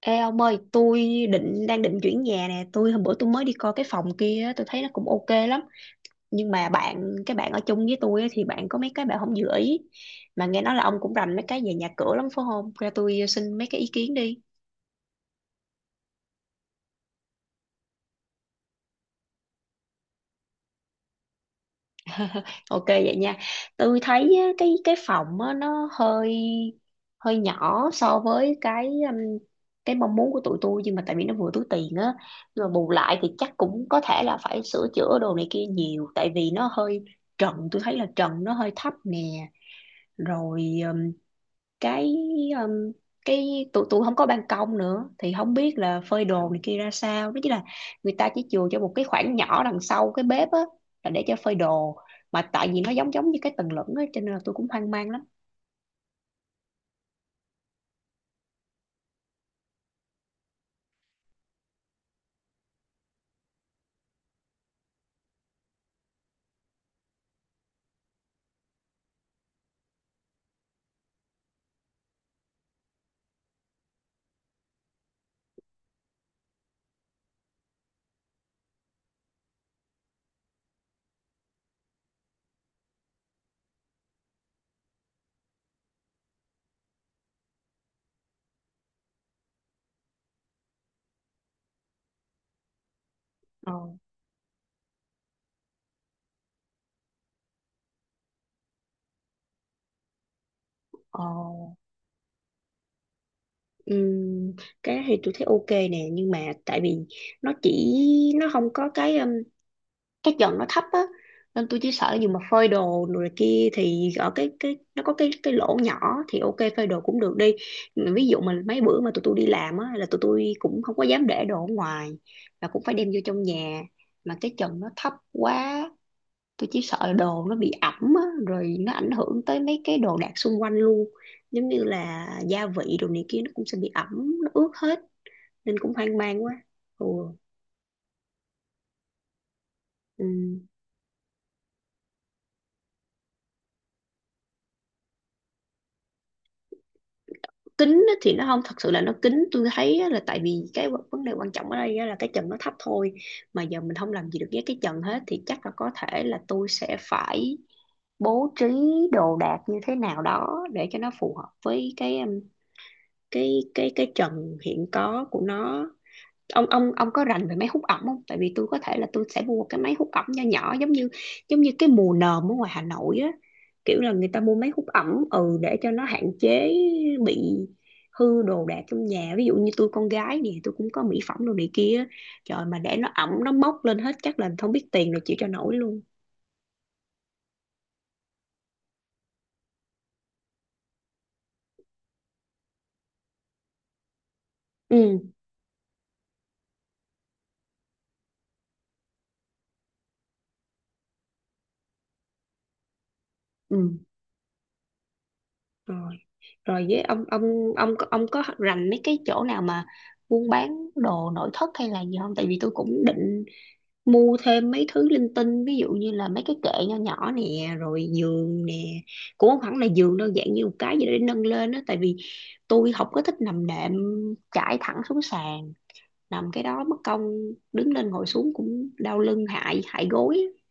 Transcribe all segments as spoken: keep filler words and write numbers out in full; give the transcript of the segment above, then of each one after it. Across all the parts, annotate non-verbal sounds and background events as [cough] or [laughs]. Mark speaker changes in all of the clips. Speaker 1: Ê ông ơi, tôi định đang định chuyển nhà nè, tôi hôm bữa tôi mới đi coi cái phòng kia, á, tôi thấy nó cũng ok lắm. Nhưng mà bạn cái bạn ở chung với tôi á, thì bạn có mấy cái bạn không vừa ý. Mà nghe nói là ông cũng rành mấy cái về nhà cửa lắm phải không? Ra tôi xin mấy cái ý kiến đi. Ok vậy nha. Tôi thấy á, cái cái phòng á, nó hơi hơi nhỏ so với cái um, cái mong muốn của tụi tôi, nhưng mà tại vì nó vừa túi tiền á. Nhưng mà bù lại thì chắc cũng có thể là phải sửa chữa đồ này kia nhiều, tại vì nó hơi trần, tôi thấy là trần nó hơi thấp nè. Rồi um, cái um, cái tụi tụi không có ban công nữa thì không biết là phơi đồ này kia ra sao đó, chính là người ta chỉ chừa cho một cái khoảng nhỏ đằng sau cái bếp á là để cho phơi đồ. Mà tại vì nó giống giống như cái tầng lửng á cho nên là tôi cũng hoang mang lắm. Ờ, ờ, ừm, cái đó thì tôi thấy ok nè, nhưng mà tại vì nó chỉ, nó không có cái um, cái trần nó thấp á, nên tôi chỉ sợ dù mà phơi đồ rồi kia thì ở cái cái nó có cái cái lỗ nhỏ thì ok, phơi đồ cũng được đi. Mà ví dụ mà mấy bữa mà tụi tôi đi làm á là tụi tôi cũng không có dám để đồ ở ngoài, và cũng phải đem vô trong nhà. Mà cái trần nó thấp quá, tôi chỉ sợ là đồ nó bị ẩm á, rồi nó ảnh hưởng tới mấy cái đồ đạc xung quanh luôn, giống như là gia vị đồ này kia nó cũng sẽ bị ẩm, nó ướt hết, nên cũng hoang mang quá. Ừ. Ừ. Kính thì nó không thật sự là nó kính, tôi thấy á là tại vì cái vấn vấn đề quan trọng ở đây á là cái trần nó thấp thôi. Mà giờ mình không làm gì được với cái trần hết thì chắc là có thể là tôi sẽ phải bố trí đồ đạc như thế nào đó để cho nó phù hợp với cái um, cái cái cái trần hiện có của nó. Ông ông ông có rành về máy hút ẩm không, tại vì tôi có thể là tôi sẽ mua cái máy hút ẩm nho nhỏ, giống như giống như cái mùa nồm ở ngoài Hà Nội á, kiểu là người ta mua máy hút ẩm ừ để cho nó hạn chế bị hư đồ đạc trong nhà. Ví dụ như tôi con gái nè, tôi cũng có mỹ phẩm đồ này kia á. Trời mà để nó ẩm nó mốc lên hết chắc là không biết tiền rồi chịu cho nổi luôn. Ừ. Ừ. rồi rồi với ông ông ông có- ông có rành mấy cái chỗ nào mà buôn bán đồ nội thất hay là gì không, tại vì tôi cũng định mua thêm mấy thứ linh tinh, ví dụ như là mấy cái kệ nho nhỏ nè rồi giường nè. Cũng không hẳn là giường đâu, dạng như một cái gì đó để nâng lên á, tại vì tôi không có thích nằm đệm trải thẳng xuống sàn, nằm cái đó mất công đứng lên ngồi xuống cũng đau lưng hại hại gối á.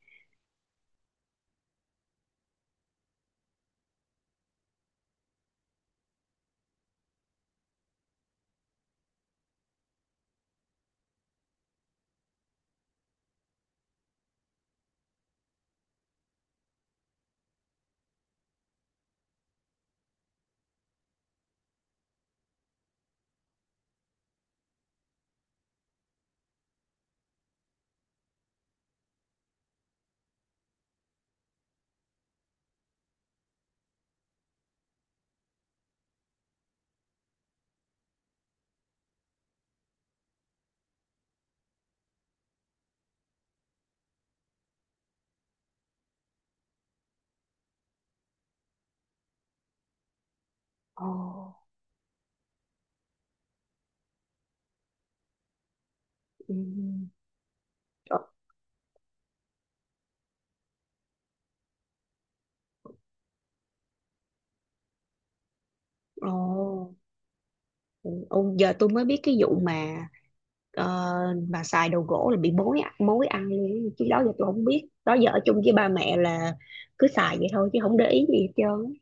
Speaker 1: Ồ. Ừ. Ồ, ồ, giờ tôi mới biết cái vụ mà ờ, mà xài đồ gỗ là bị mối ạ- mối ăn luôn. Chứ đó giờ tôi không biết, đó giờ ở chung với ba mẹ là cứ xài vậy thôi chứ không để ý gì hết trơn.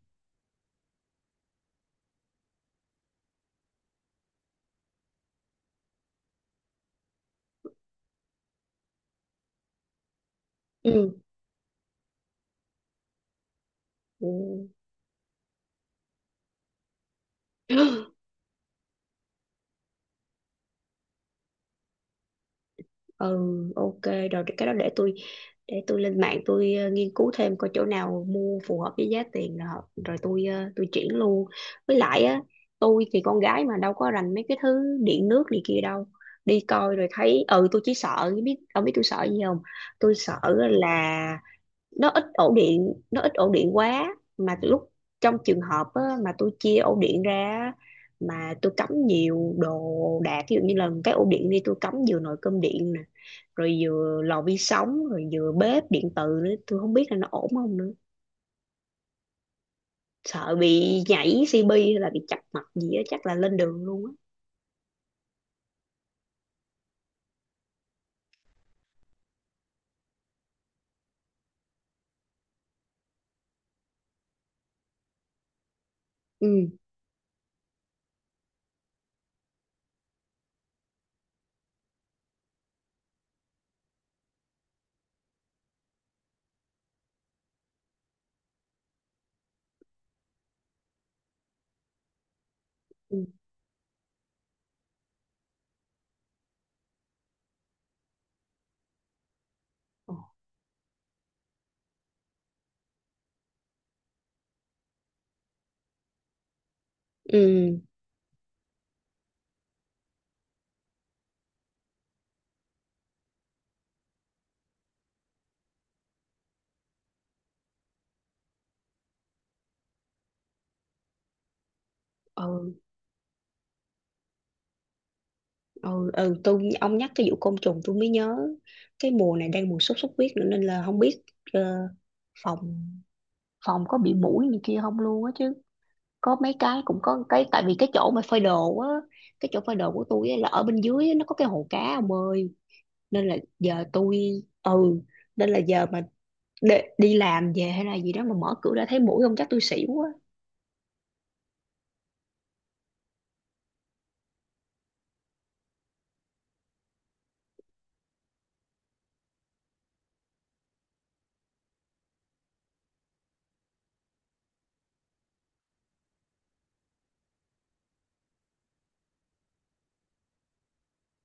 Speaker 1: Ừ. Ừ. Ừ. Ok rồi, cái đó để tôi, để tôi lên mạng tôi ờ, nghiên cứu thêm coi chỗ nào mua phù hợp với giá tiền, rồi, rồi tôi ờ, tôi chuyển luôn. Với lại á, tôi thì con gái mà đâu có rành mấy cái thứ điện nước này kia đâu, đi coi rồi thấy ừ, tôi chỉ sợ, biết ông biết tôi sợ gì không? Tôi sợ là nó ít ổ điện, nó ít ổ điện quá, mà lúc trong trường hợp á, mà tôi chia ổ điện ra á, mà tôi cắm nhiều đồ đạc, ví dụ như là cái ổ điện đi, tôi cắm vừa nồi cơm điện nè, rồi vừa lò vi sóng, rồi vừa bếp điện từ nữa, tôi không biết là nó ổn không nữa. Sợ bị nhảy xê pê hay là bị chập mạch gì á, chắc là lên đường luôn á. Ừ. Ừ. Ừ. Ừ. Ừ, ừ. Tôi, ông nhắc cái vụ côn trùng tôi mới nhớ, cái mùa này đang mùa sốt xuất huyết nữa nên là không biết ờ, phòng phòng có bị muỗi này kia không luôn á. Chứ có mấy cái, cũng có cái, tại vì cái chỗ mà phơi đồ á, cái chỗ phơi đồ của tôi á là ở bên dưới á, nó có cái hồ cá ông ơi. Nên là giờ tôi, ừ, nên là giờ mà đi, đi làm về hay là gì đó mà mở cửa ra thấy muỗi không chắc tôi xỉu quá.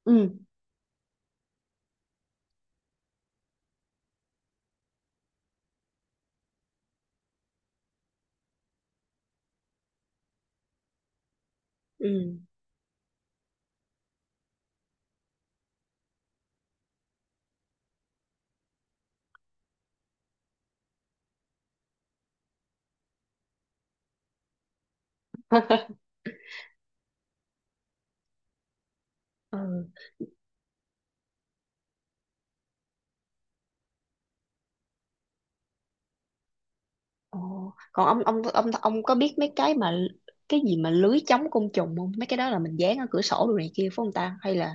Speaker 1: Ừ. Ừ. [laughs] Ừ. Ồ. Còn ông ông ông ông có biết mấy cái mà cái gì mà lưới chống côn trùng không? Mấy cái đó là mình dán ở cửa sổ đồ này kia phải không ta, hay là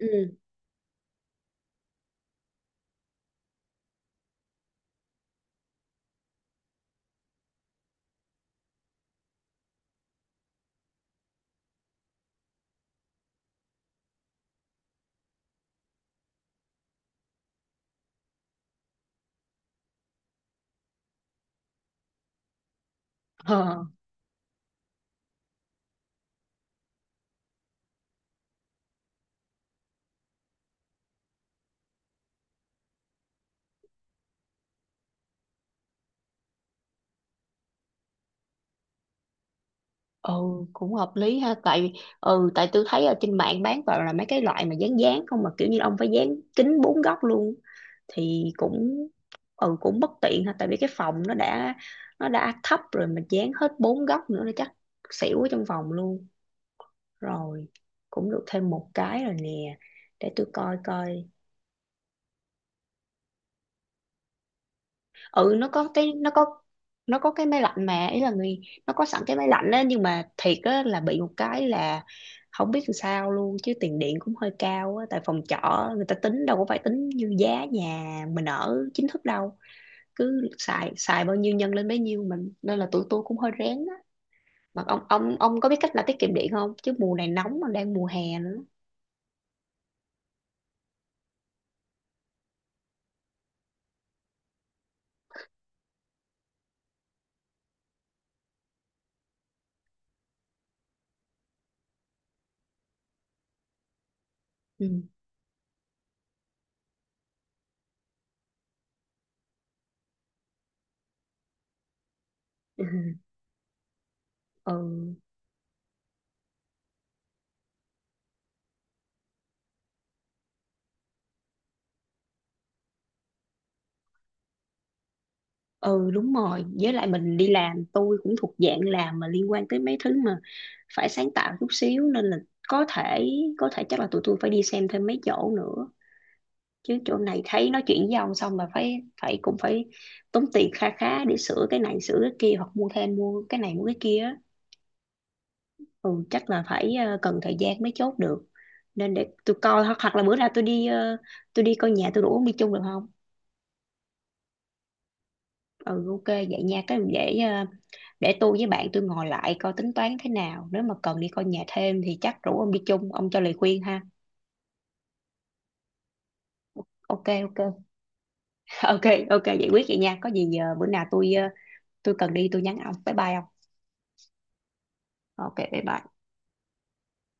Speaker 1: ừ. Ờ. Ừ cũng hợp lý ha. Tại ừ, tại tôi thấy ở trên mạng bán toàn là mấy cái loại mà dán dán không, mà kiểu như ông phải dán kính bốn góc luôn, thì cũng ừ, cũng bất tiện ha. Tại vì cái phòng nó đã, nó đã thấp rồi mà dán hết bốn góc nữa nó chắc xỉu ở trong phòng luôn. Rồi, cũng được thêm một cái rồi nè, để tôi coi coi. Ừ, nó có cái nó có nó có cái máy lạnh, mà ý là người, nó có sẵn cái máy lạnh á, nhưng mà thiệt á là bị một cái là không biết làm sao luôn chứ tiền điện cũng hơi cao á, tại phòng trọ người ta tính đâu có phải tính như giá nhà mình ở chính thức đâu, cứ xài, xài bao nhiêu nhân lên bấy nhiêu mình, nên là tụi tôi cũng hơi rén á. Mà ông ông ông có biết cách là tiết kiệm điện không, chứ mùa này nóng mà đang mùa hè nữa. Ừ. [laughs] Ừ, ừ. Ừ đúng rồi, với lại mình đi làm, tôi cũng thuộc dạng làm mà liên quan tới mấy thứ mà phải sáng tạo chút xíu, nên là có thể, có thể chắc là tụi tôi phải đi xem thêm mấy chỗ nữa. Chứ chỗ này thấy nói chuyện với ông xong mà phải, phải cũng phải tốn tiền kha khá để sửa cái này sửa cái kia, hoặc mua thêm, mua cái này mua cái kia á. Ừ chắc là phải ờ, cần thời gian mới chốt được. Nên để tôi coi, hoặc hoặc là bữa nào tôi đi ờ, tôi đi coi nhà, tôi đủ ông đi chung được không. Ừ, ok vậy nha, cái để để tôi với bạn tôi ngồi lại coi tính toán thế nào, nếu mà cần đi coi nhà thêm thì chắc rủ ông đi chung, ông cho lời khuyên ha. Ok, ok. [laughs] Ok, ok, giải quyết vậy nha. Có gì ờ, bữa nào tôi ờ, tôi cần đi tôi nhắn ông. Bye bye ông. Ok, bye bye.